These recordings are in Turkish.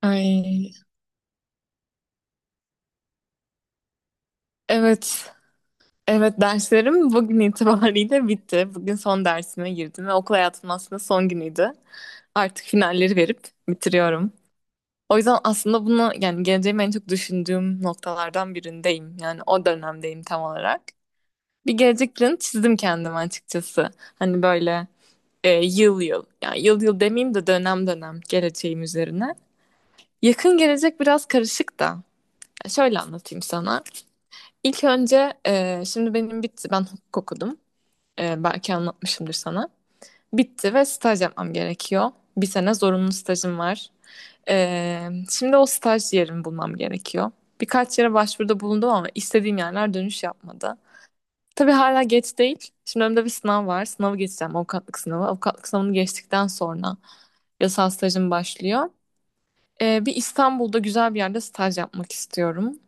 Ay, evet. Evet derslerim bugün itibariyle bitti. Bugün son dersime girdim ve okul hayatımın aslında son günüydü. Artık finalleri verip bitiriyorum. O yüzden aslında bunu yani geleceğimi en çok düşündüğüm noktalardan birindeyim. Yani o dönemdeyim tam olarak. Bir gelecek planı çizdim kendime açıkçası. Hani böyle yıl yıl yani yıl yıl demeyeyim de dönem dönem geleceğim üzerine. Yakın gelecek biraz karışık da. Şöyle anlatayım sana. İlk önce şimdi benim bitti. Ben hukuk okudum. Belki anlatmışımdır sana. Bitti ve staj yapmam gerekiyor. Bir sene zorunlu stajım var. Şimdi o staj yerimi bulmam gerekiyor. Birkaç yere başvuruda bulundum ama istediğim yerler dönüş yapmadı. Tabii hala geç değil. Şimdi önümde bir sınav var. Sınavı geçeceğim. Avukatlık sınavı. Avukatlık sınavını geçtikten sonra yasal stajım başlıyor. Bir İstanbul'da güzel bir yerde staj yapmak istiyorum.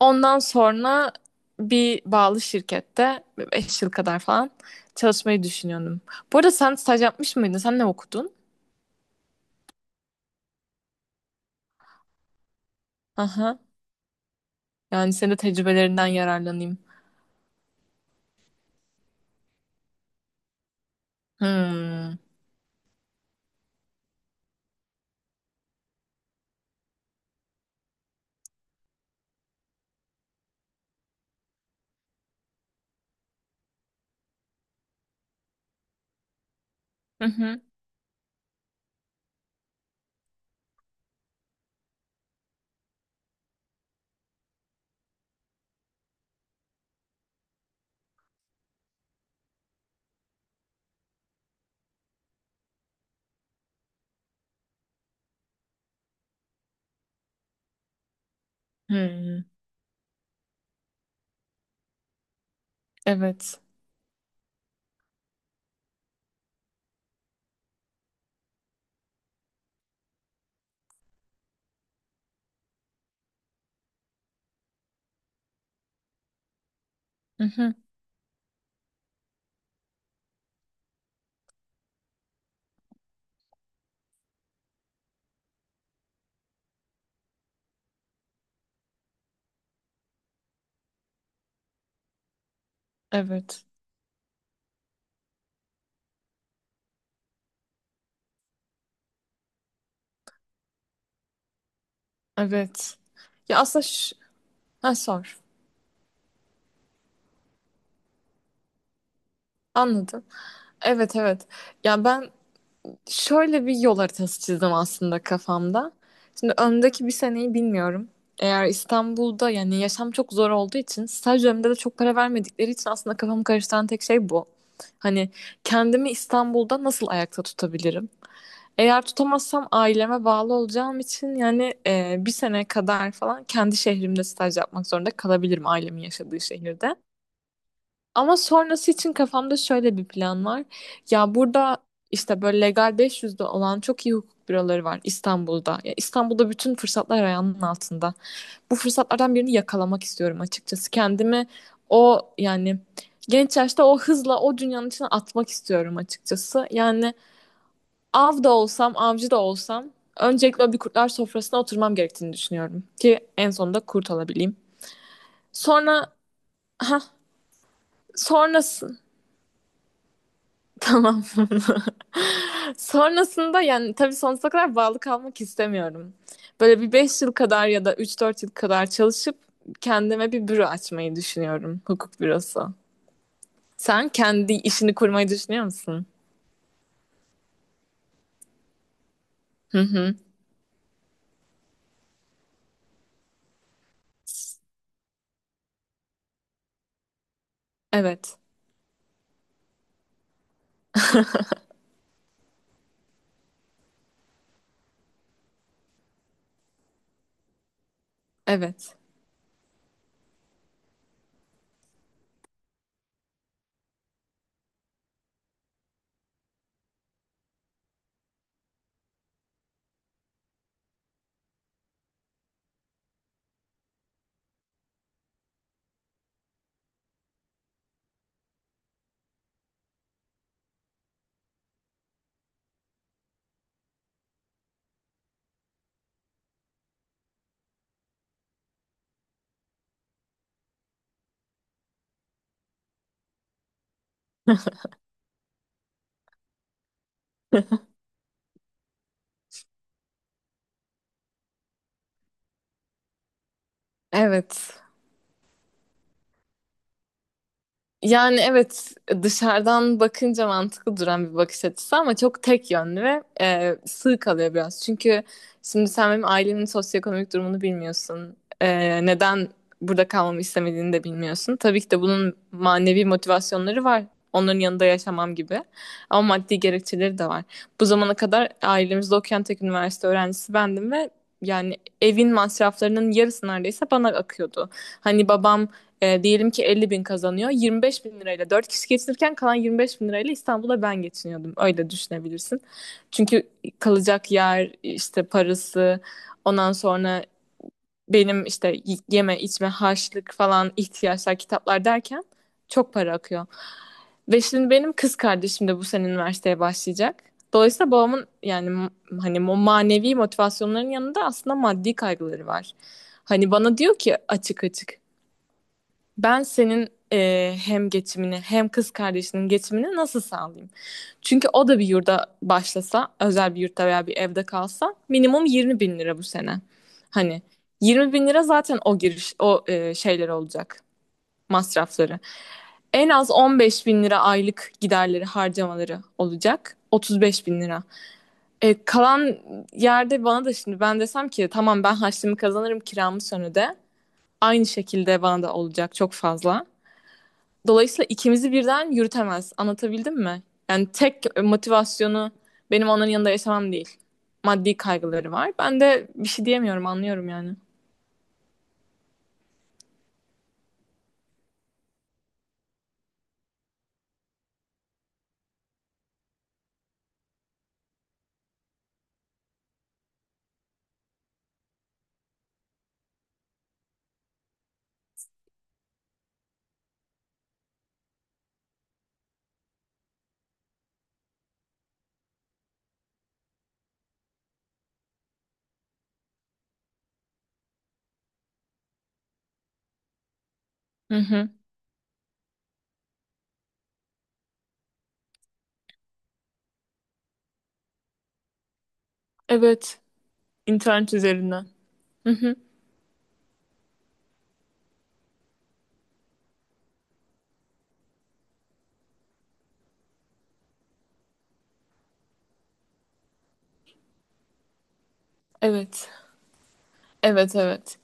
Ondan sonra bir bağlı şirkette 5 yıl kadar falan çalışmayı düşünüyordum. Bu arada sen staj yapmış mıydın? Sen ne okudun? Aha. Yani senin de tecrübelerinden yararlanayım. Hmm. Hı hı. Hmm. Evet. Hı hı. Evet. Evet. Ya aslında ş- ha, sor. Anladım. Evet evet. Ya ben Şöyle bir yol haritası çizdim aslında kafamda. Şimdi önümdeki bir seneyi bilmiyorum. Eğer İstanbul'da yani yaşam çok zor olduğu için staj döneminde de çok para vermedikleri için aslında kafamı karıştıran tek şey bu. Hani kendimi İstanbul'da nasıl ayakta tutabilirim? Eğer tutamazsam aileme bağlı olacağım için yani bir sene kadar falan kendi şehrimde staj yapmak zorunda kalabilirim ailemin yaşadığı şehirde. Ama sonrası için kafamda şöyle bir plan var. Ya burada işte böyle legal 500'de olan çok iyi hukuk büroları var İstanbul'da. Ya İstanbul'da bütün fırsatlar ayağının altında. Bu fırsatlardan birini yakalamak istiyorum açıkçası. Kendimi o yani genç yaşta o hızla o dünyanın içine atmak istiyorum açıkçası. Yani av da olsam, avcı da olsam öncelikle o bir kurtlar sofrasına oturmam gerektiğini düşünüyorum ki en sonunda kurt olabileyim. Sonra, ha, sonrası. Tamam. Sonrasında yani tabii sonsuza kadar bağlı kalmak istemiyorum. Böyle bir 5 yıl kadar ya da 3-4 yıl kadar çalışıp kendime bir büro açmayı düşünüyorum. Hukuk bürosu. Sen kendi işini kurmayı düşünüyor musun? Hı hı. Evet. Evet. Evet. Yani evet dışarıdan bakınca mantıklı duran bir bakış açısı ama çok tek yönlü ve sığ kalıyor biraz. Çünkü şimdi sen benim ailemin sosyoekonomik durumunu bilmiyorsun. Neden burada kalmamı istemediğini de bilmiyorsun. Tabii ki de bunun manevi motivasyonları var. Onların yanında yaşamam gibi. Ama maddi gerekçeleri de var. Bu zamana kadar ailemizde okuyan tek üniversite öğrencisi bendim ve yani evin masraflarının yarısı neredeyse bana akıyordu. Hani babam diyelim ki 50.000 kazanıyor. 25.000 lirayla 4 kişi geçinirken kalan 25.000 lirayla İstanbul'a ben geçiniyordum. Öyle düşünebilirsin. Çünkü kalacak yer, işte parası, ondan sonra benim işte yeme içme harçlık falan ihtiyaçlar kitaplar derken çok para akıyor. Ve şimdi benim kız kardeşim de bu sene üniversiteye başlayacak. Dolayısıyla babamın yani hani o manevi motivasyonların yanında aslında maddi kaygıları var. Hani bana diyor ki açık açık ben senin hem geçimini hem kız kardeşinin geçimini nasıl sağlayayım? Çünkü o da bir yurda başlasa, özel bir yurtta veya bir evde kalsa minimum 20 bin lira bu sene. Hani 20 bin lira zaten o giriş, o şeyler olacak, masrafları. En az 15 bin lira aylık giderleri, harcamaları olacak. 35 bin lira. Kalan yerde bana da şimdi ben desem ki tamam ben harçlığımı kazanırım kiramı sonra de. Aynı şekilde bana da olacak çok fazla. Dolayısıyla ikimizi birden yürütemez. Anlatabildim mi? Yani tek motivasyonu benim onların yanında yaşamam değil. Maddi kaygıları var. Ben de bir şey diyemiyorum, anlıyorum yani. Hı hı. Evet. İnternet üzerinden. Hı hı. Evet. Evet, evet.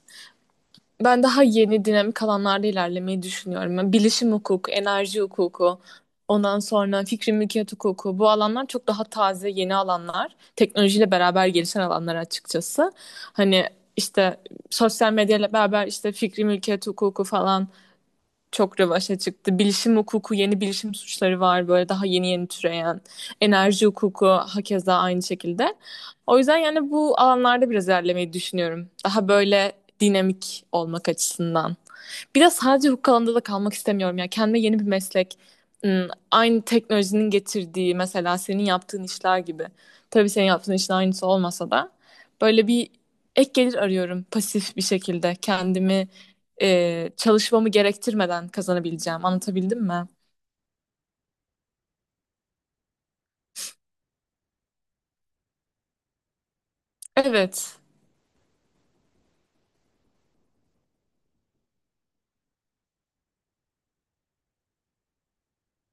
Ben daha yeni dinamik alanlarda ilerlemeyi düşünüyorum. Yani bilişim hukuku, enerji hukuku, ondan sonra fikri mülkiyet hukuku. Bu alanlar çok daha taze, yeni alanlar. Teknolojiyle beraber gelişen alanlar açıkçası. Hani işte sosyal medyayla beraber işte fikri mülkiyet hukuku falan çok revaşa çıktı. Bilişim hukuku, yeni bilişim suçları var böyle daha yeni yeni türeyen. Enerji hukuku hakeza aynı şekilde. O yüzden yani bu alanlarda biraz ilerlemeyi düşünüyorum. Daha böyle dinamik olmak açısından. Bir de sadece hukuk alanında da kalmak istemiyorum ya. Kendime yeni bir meslek, aynı teknolojinin getirdiği mesela senin yaptığın işler gibi. Tabii senin yaptığın işin aynısı olmasa da böyle bir ek gelir arıyorum pasif bir şekilde kendimi çalışmamı gerektirmeden kazanabileceğim. Anlatabildim mi? Evet,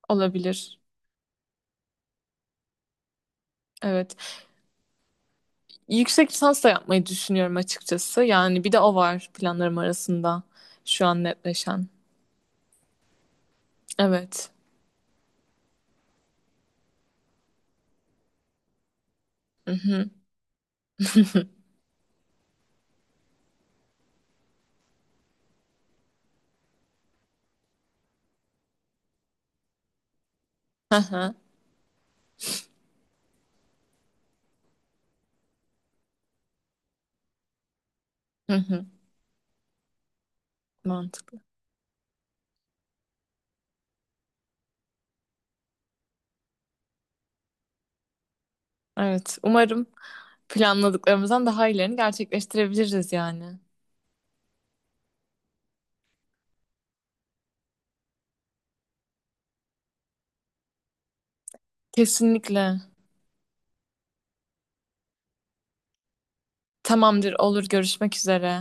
olabilir. Evet. Yüksek lisans da yapmayı düşünüyorum açıkçası. Yani bir de o var planlarım arasında şu an netleşen. Evet. Hı hı. Hı hı. Hı hı. Mantıklı. Evet, umarım planladıklarımızdan daha iyilerini gerçekleştirebiliriz yani. Kesinlikle. Tamamdır, olur görüşmek üzere.